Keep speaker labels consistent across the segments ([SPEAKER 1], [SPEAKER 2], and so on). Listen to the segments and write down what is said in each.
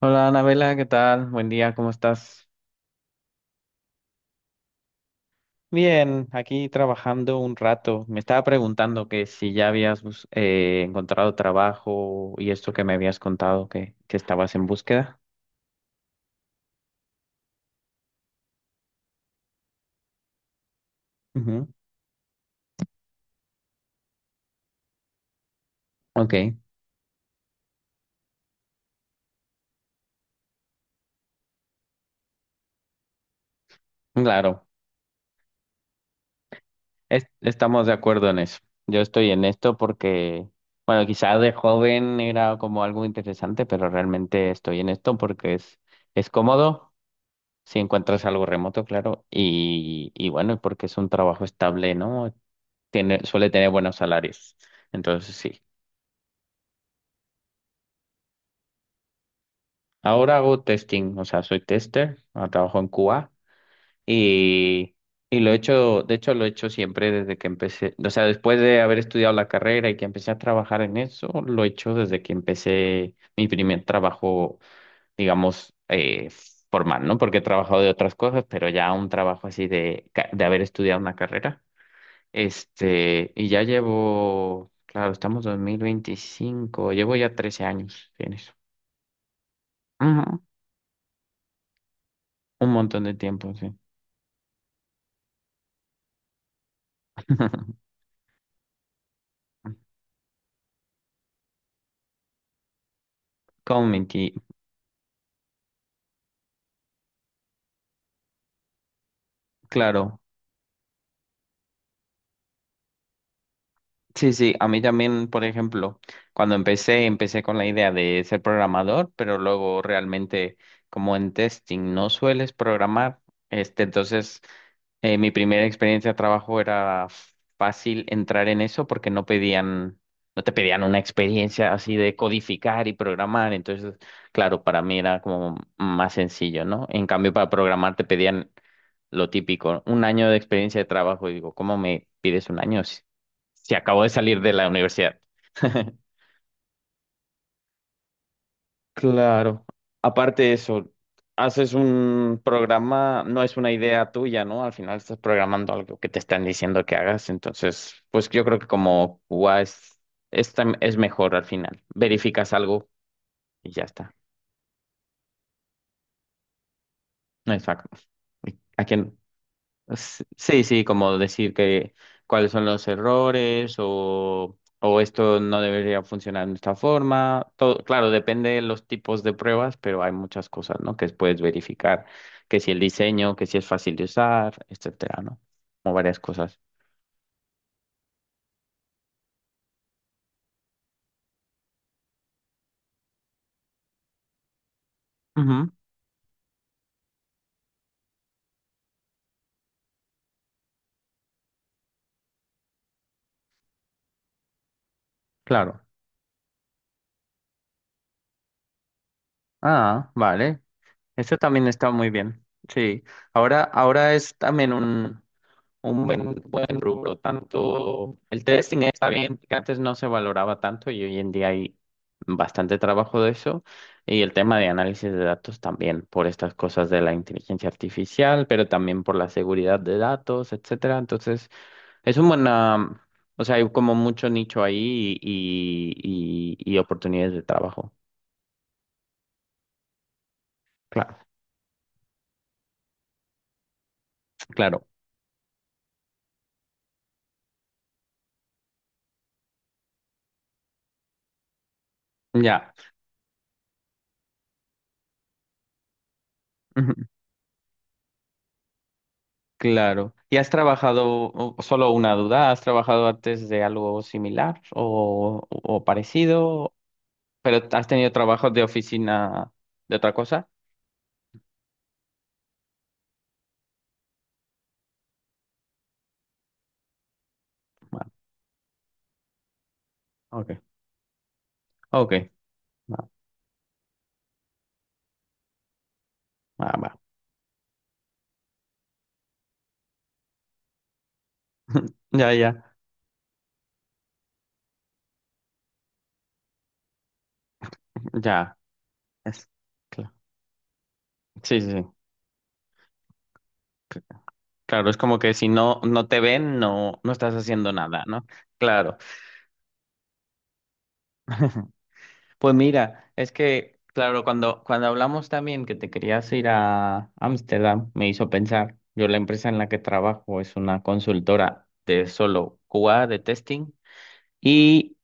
[SPEAKER 1] Hola Anabela, ¿qué tal? Buen día, ¿cómo estás? Bien, aquí trabajando un rato. Me estaba preguntando que si ya habías encontrado trabajo y esto que me habías contado que estabas en búsqueda. Ujú. Ok, claro, estamos de acuerdo en eso. Yo estoy en esto porque, bueno, quizá de joven era como algo interesante, pero realmente estoy en esto porque es cómodo. Si encuentras algo remoto, claro, y bueno, porque es un trabajo estable, ¿no? Tiene, suele tener buenos salarios. Entonces, sí. Ahora hago testing, o sea, soy tester, trabajo en Cuba y, y lo he hecho, de hecho, lo he hecho siempre desde que empecé, o sea, después de haber estudiado la carrera y que empecé a trabajar en eso, lo he hecho desde que empecé mi primer trabajo, digamos, formal, ¿no? Porque he trabajado de otras cosas, pero ya un trabajo así de haber estudiado una carrera. Y ya llevo, claro, estamos 2025, llevo ya 13 años en eso. Ujú, un montón de tiempo, sí. Como claro. Sí, sí, a mí también, por ejemplo, cuando empecé, empecé con la idea de ser programador, pero luego realmente como en testing no sueles programar, entonces mi primera experiencia de trabajo era fácil entrar en eso porque no pedían, no te pedían una experiencia así de codificar y programar, entonces, claro, para mí era como más sencillo, ¿no? En cambio, para programar te pedían lo típico, un año de experiencia de trabajo. Y digo, ¿cómo me pides un año si acabo de salir de la universidad? Claro. Aparte de eso, haces un programa, no es una idea tuya, ¿no? Al final estás programando algo que te están diciendo que hagas. Entonces, pues yo creo que como QA es mejor al final. Verificas algo y ya está. No es fac- ¿A quién? Sí, sí, como decir que cuáles son los errores o esto no debería funcionar de esta forma. Todo, claro, depende de los tipos de pruebas, pero hay muchas cosas, ¿no? Que puedes verificar, que si el diseño, que si es fácil de usar, etcétera, ¿no? Como varias cosas. Ujú, claro. Ah, vale. Esto también está muy bien. Sí. Ahora es también un buen, buen rubro. Tanto el testing está bien, que antes no se valoraba tanto y hoy en día hay bastante trabajo de eso. Y el tema de análisis de datos también, por estas cosas de la inteligencia artificial, pero también por la seguridad de datos, etcétera. Entonces, es un buen, o sea, hay como mucho nicho ahí y oportunidades de trabajo. Claro, claro. Ya. Claro. ¿Y has trabajado, solo una duda, has trabajado antes de algo similar o parecido, pero has tenido trabajos de oficina de otra cosa? Ah, ok, ok, va, va, va. Ya, ya, ya. Es, claro. Sí, sí, sí. Cl- Claro, es como que si no te ven, no estás haciendo nada, ¿no? Claro. Pues mira, es que, claro, cuando hablamos también que te querías ir a Ámsterdam, me hizo pensar, yo la empresa en la que trabajo es una consultora de solo QA de testing y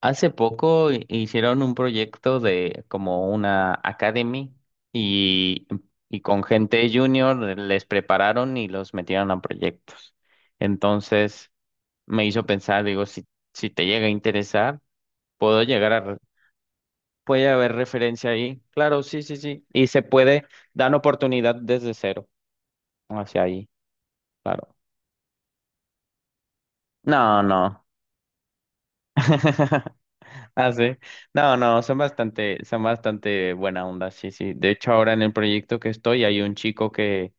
[SPEAKER 1] hace poco hicieron un proyecto de como una academy y, y con gente junior les prepararon y los metieron a proyectos. Entonces me hizo pensar, digo, si te llega a interesar puedo llegar a puede haber referencia ahí. Claro, sí, sí, sí. Y se puede dar oportunidad desde cero hacia ahí. Claro. No, no. Ah, sí. No, no, son bastante buena onda, sí, sí. De hecho, ahora en el proyecto que estoy hay un chico que,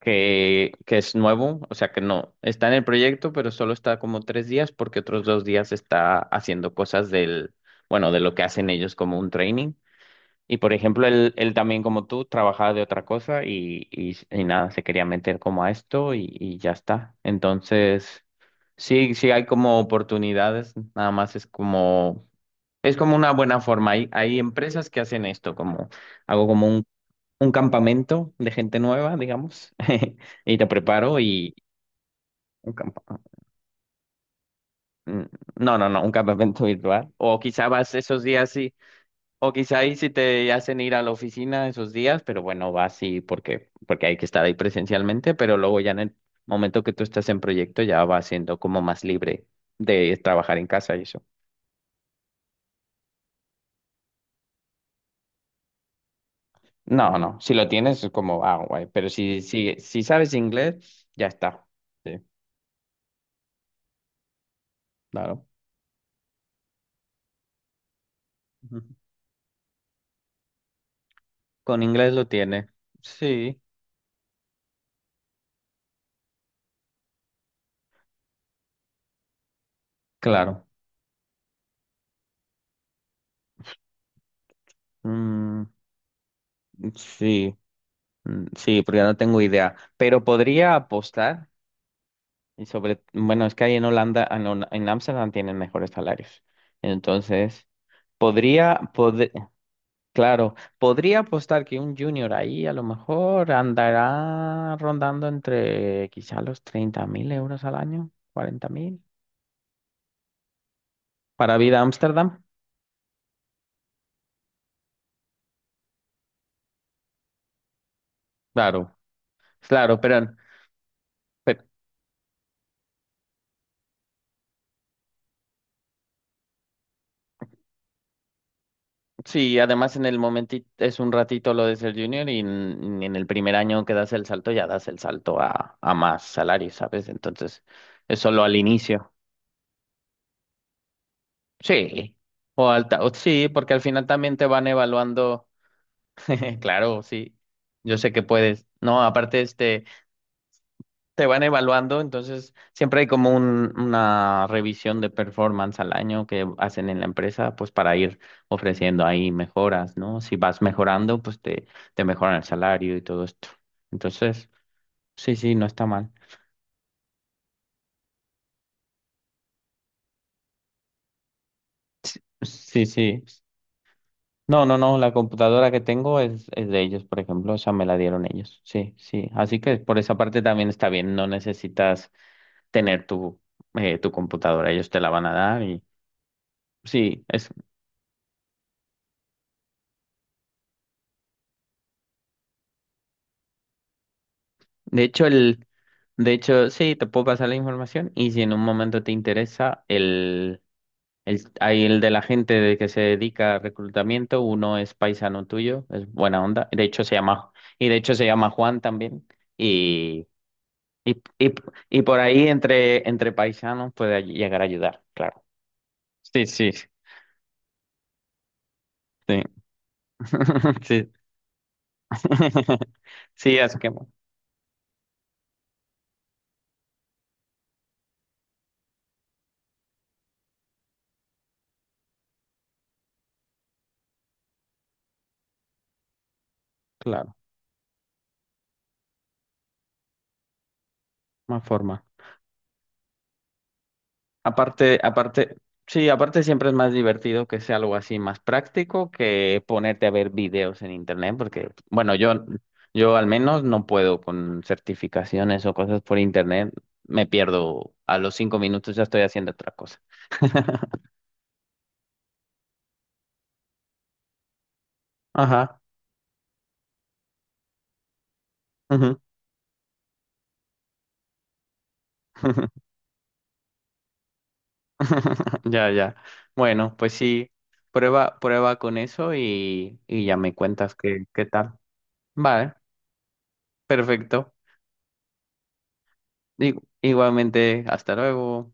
[SPEAKER 1] que, que es nuevo, o sea que no, está en el proyecto, pero solo está como 3 días porque otros 2 días está haciendo cosas del, bueno, de lo que hacen ellos como un training. Y por ejemplo, él también como tú trabajaba de otra cosa y nada, se quería meter como a esto y ya está. Entonces, sí, sí hay como oportunidades, nada más es como una buena forma. Hay empresas que hacen esto, como hago como un campamento de gente nueva, digamos, y te preparo y... Un campa- mm, No, no, no, un campamento virtual. O quizá vas esos días. O quizá ahí sí te hacen ir a la oficina esos días, pero bueno, va así porque hay que estar ahí presencialmente, pero luego ya en el momento que tú estás en proyecto ya va siendo como más libre de trabajar en casa y eso. No, no, si lo tienes es como, ah, guay, pero si sabes inglés, ya está. Sí, claro. Ujú. Con inglés lo tiene. Sí, claro. Mm, sí, mm, sí, porque no tengo idea, pero podría apostar. Y sobre, bueno, es que ahí en Holanda, en Ámsterdam tienen mejores salarios. Entonces, podría, pod- claro, podría apostar que un junior ahí a lo mejor andará rondando entre quizá los 30.000 euros al año, 40.000. Para vida Ámsterdam, claro, claro, pero, pero sí, además en el momentito es un ratito lo de ser junior y en el primer año que das el salto ya das el salto a más salarios, ¿sabes? Entonces, es solo al inicio. Sí, o alta, o sí, porque al final también te van evaluando, claro, sí, yo sé que puedes, no, aparte este, te van evaluando, entonces siempre hay como una revisión de performance al año que hacen en la empresa, pues para ir ofreciendo ahí mejoras, ¿no? Si vas mejorando, pues te mejoran el salario y todo esto. Entonces, sí, sí, no está mal. Sí, sí. No, no, no, la computadora que tengo es de ellos, por ejemplo, o sea, me la dieron ellos, sí, sí, así que por esa parte también está bien, no necesitas tener tu computadora, ellos te la van a dar y sí, es, de hecho, de hecho, sí, te puedo pasar la información y si en un momento te interesa, hay el de la gente de que se dedica a reclutamiento, uno es paisano tuyo, es buena onda, de hecho se llama, y de hecho se llama Juan también y Y, y, y por ahí entre paisanos puede llegar a ayudar, claro. Sí, sí, sí. Sí. Sí, así que, bueno, claro, más forma. Aparte, aparte, sí, aparte siempre es más divertido que sea algo así más práctico que ponerte a ver videos en internet, porque, bueno, yo al menos no puedo con certificaciones o cosas por internet. Me pierdo a los 5 minutos, ya estoy haciendo otra cosa. Ajá. Ujú. Ya, ya. Bueno, pues sí, prueba, prueba con eso y ya me cuentas qué, qué tal. Vale, perfecto. Igualmente, hasta luego.